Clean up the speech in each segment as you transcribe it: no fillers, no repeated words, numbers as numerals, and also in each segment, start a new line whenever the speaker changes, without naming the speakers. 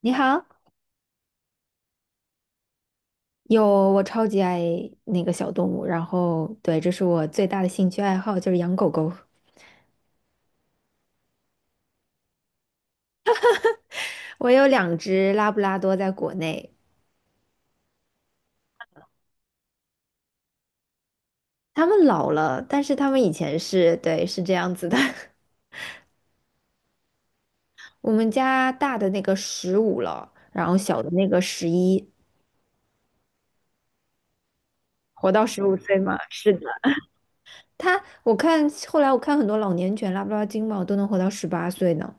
你好，有，我超级爱那个小动物，然后对，这是我最大的兴趣爱好，就是养狗狗。我有两只拉布拉多在国内，它们老了，但是它们以前是，对，是这样子的。我们家大的那个15了，然后小的那个11，活到15岁嘛。是的，后来我看很多老年犬拉布拉多金毛都能活到18岁呢。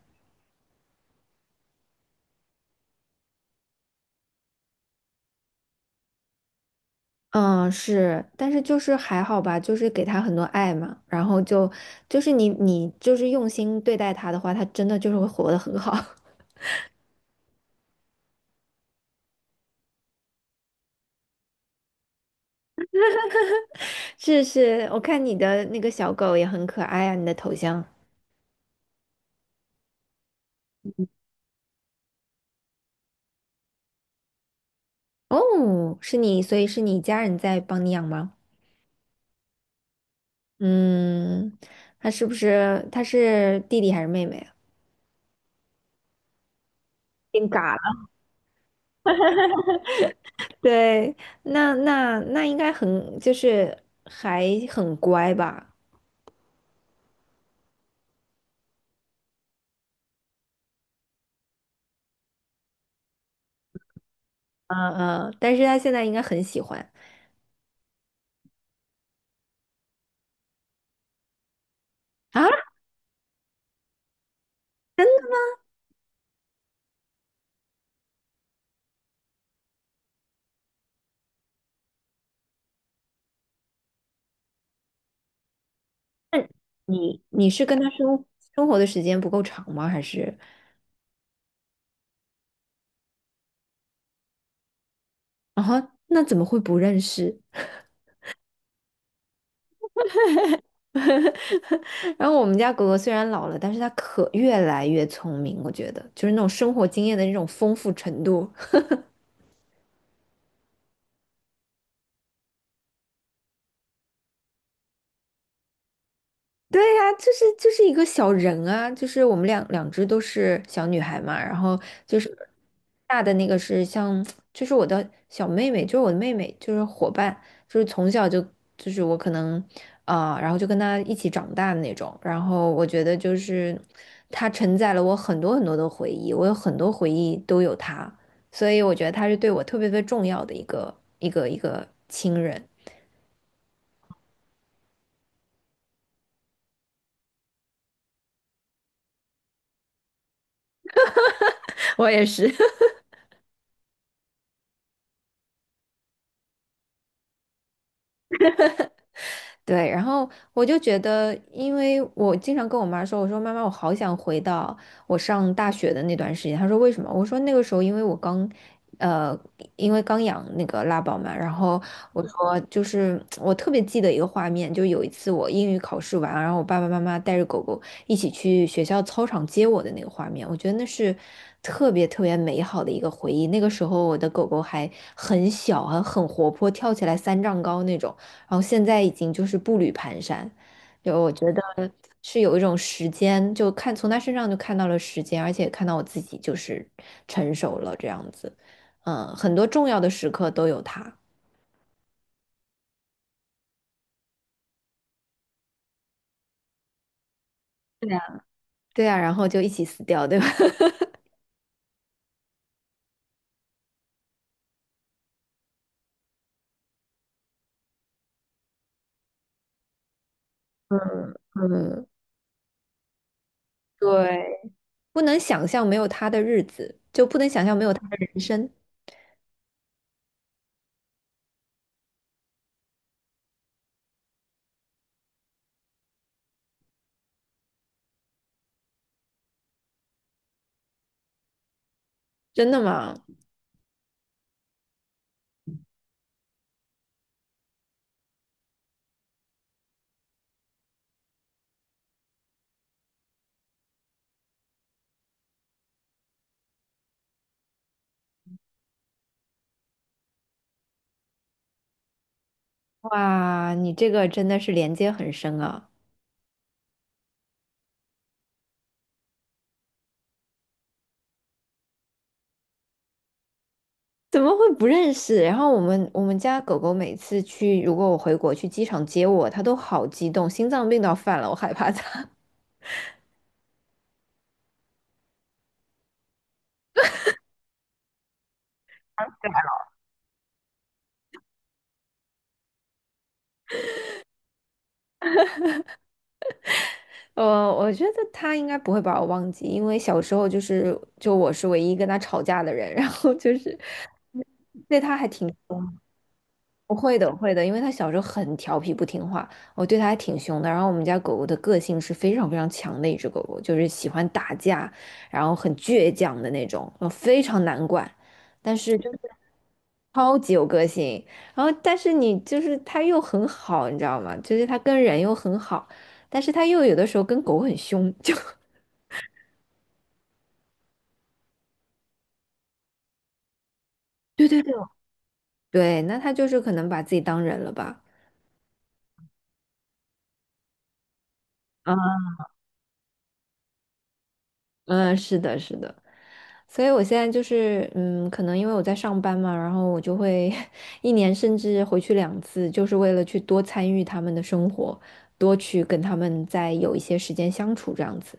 嗯，是，但是就是还好吧，就是给他很多爱嘛，然后就是你就是用心对待他的话，他真的就是会活得很好。是是，我看你的那个小狗也很可爱啊，你的头像。哦，是你，所以是你家人在帮你养吗？嗯，他是不是他是弟弟还是妹妹啊？变嘎了。对，那应该很就是还很乖吧？嗯嗯，但是他现在应该很喜欢。啊。那你是跟他生活的时间不够长吗？还是然后那怎么会不认识？然后我们家狗狗虽然老了，但是它可越来越聪明，我觉得就是那种生活经验的那种丰富程度。对呀，就是一个小人啊，就是我们两只都是小女孩嘛，然后就是大的那个是像，就是我的小妹妹，就是我的妹妹，就是伙伴，就是从小就是我可能啊、然后就跟她一起长大的那种，然后我觉得就是她承载了我很多很多的回忆，我有很多回忆都有她，所以我觉得她是对我特别特别重要的一个亲人，我也是，对，然后我就觉得，因为我经常跟我妈说，我说妈妈，我好想回到我上大学的那段时间。她说为什么？我说那个时候呃，因为刚养那个拉宝嘛，然后我说就是我特别记得一个画面，就有一次我英语考试完，然后我爸爸妈妈带着狗狗一起去学校操场接我的那个画面，我觉得那是特别特别美好的一个回忆。那个时候我的狗狗还很小，还很活泼，跳起来三丈高那种。然后现在已经就是步履蹒跚，就我觉得是有一种时间，就看从他身上就看到了时间，而且看到我自己就是成熟了这样子，嗯，很多重要的时刻都有他，对呀对啊，然后就一起死掉，对吧？嗯，对，不能想象没有他的日子，就不能想象没有他的人生，真的吗？哇，你这个真的是连接很深啊。怎么会不认识？然后我们家狗狗每次去，如果我回国去机场接我，它都好激动，心脏病都要犯了，我害怕它。我觉得它应该不会把我忘记，因为小时候就是就我是唯一跟它吵架的人，然后就是。我会的，我会的，因为它小时候很调皮不听话，我对它还挺凶的。然后我们家狗狗的个性是非常非常强的一只狗狗，就是喜欢打架，然后很倔强的那种，非常难管，但是就是超级有个性。然后但是你就是它又很好，你知道吗？就是它跟人又很好，但是它又有的时候跟狗很凶，就 对对对对，那它就是可能把自己当人了吧？啊，嗯，是的，是的。所以我现在就是，嗯，可能因为我在上班嘛，然后我就会 一年甚至回去两次，就是为了去多参与他们的生活，多去跟他们再有一些时间相处这样子。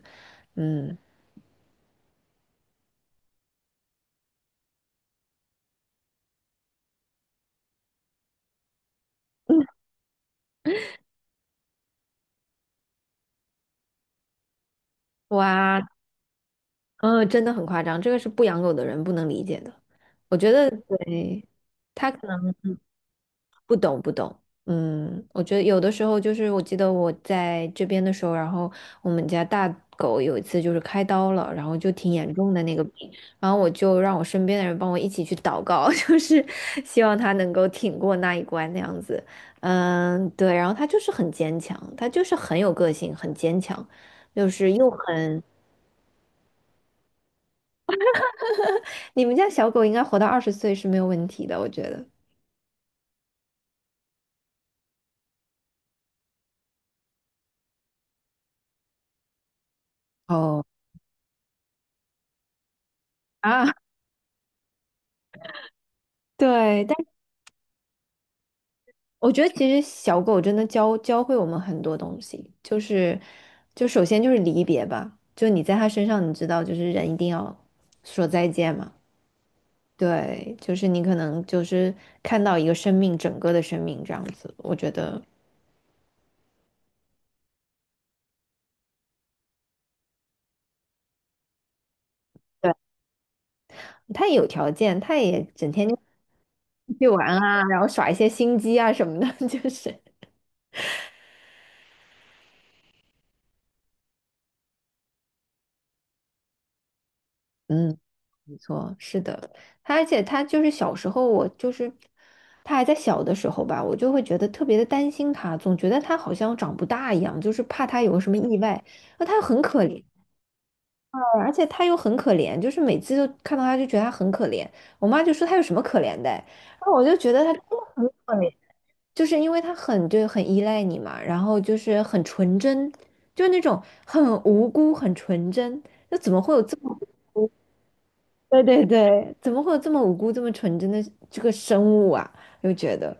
嗯，哇，嗯，真的很夸张，这个是不养狗的人不能理解的。我觉得，对，他可能。不懂不懂，嗯，我觉得有的时候就是，我记得我在这边的时候，然后我们家大狗有一次就是开刀了，然后就挺严重的那个病，然后我就让我身边的人帮我一起去祷告，就是希望它能够挺过那一关那样子，嗯，对，然后它就是很坚强，它就是很有个性，很坚强，就是又很，你们家小狗应该活到20岁是没有问题的，我觉得。哦啊，对，但。我觉得其实小狗真的教会我们很多东西，就是就首先就是离别吧，就你在它身上，你知道就是人一定要说再见嘛，对，就是你可能就是看到一个生命整个的生命这样子，我觉得对，它也有条件，它也整天就出去玩啊，然后耍一些心机啊什么的，就是嗯，没错，是的，他而且他就是小时候，我就是他还在小的时候吧，我就会觉得特别的担心他，总觉得他好像长不大一样，就是怕他有个什么意外。那他又很可怜，而且他又很可怜，就是每次都看到他就觉得他很可怜。我妈就说他有什么可怜的，然后我就觉得他真的很可怜，就是因为他很就很依赖你嘛，然后就是很纯真，就是那种很无辜、很纯真。对对对，怎么会有这么无辜、这么纯真的这个生物啊？又觉得，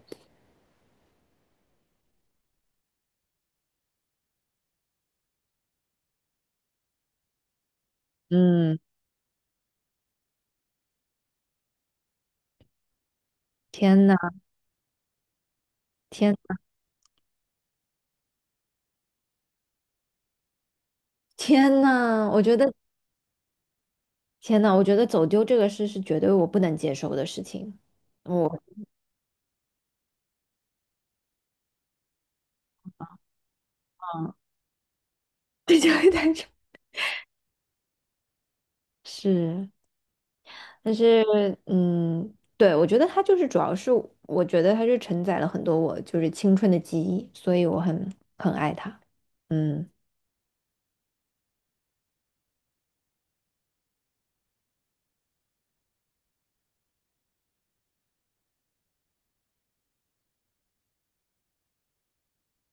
嗯，天呐，天，天呐，我觉得，天呐，我觉得走丢这个事是绝对我不能接受的事情。我，嗯，对，就会带着。是，但是，嗯，对，我觉得它就是主要是，我觉得它是承载了很多我就是青春的记忆，所以我很爱它。嗯。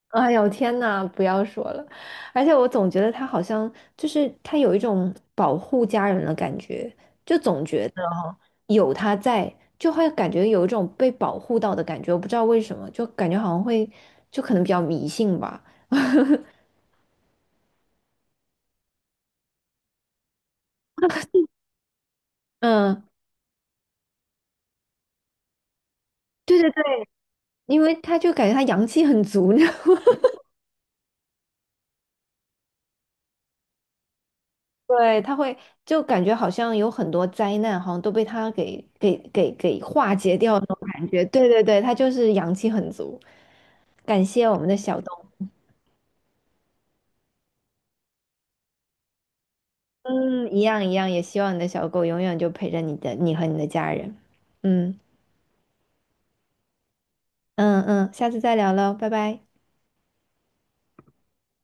哎呦天呐，不要说了！而且我总觉得他好像就是他有一种保护家人的感觉，就总觉得有他在，就会感觉有一种被保护到的感觉。我不知道为什么，就感觉好像会，就可能比较迷信吧。嗯，对对对，因为他就感觉他阳气很足，你知道吗对，他会就感觉好像有很多灾难，好像都被他给化解掉那种感觉。对对对，他就是阳气很足。感谢我们的小东。嗯，一样一样，也希望你的小狗永远就陪着你的，你和你的家人。嗯嗯嗯，下次再聊喽，拜拜。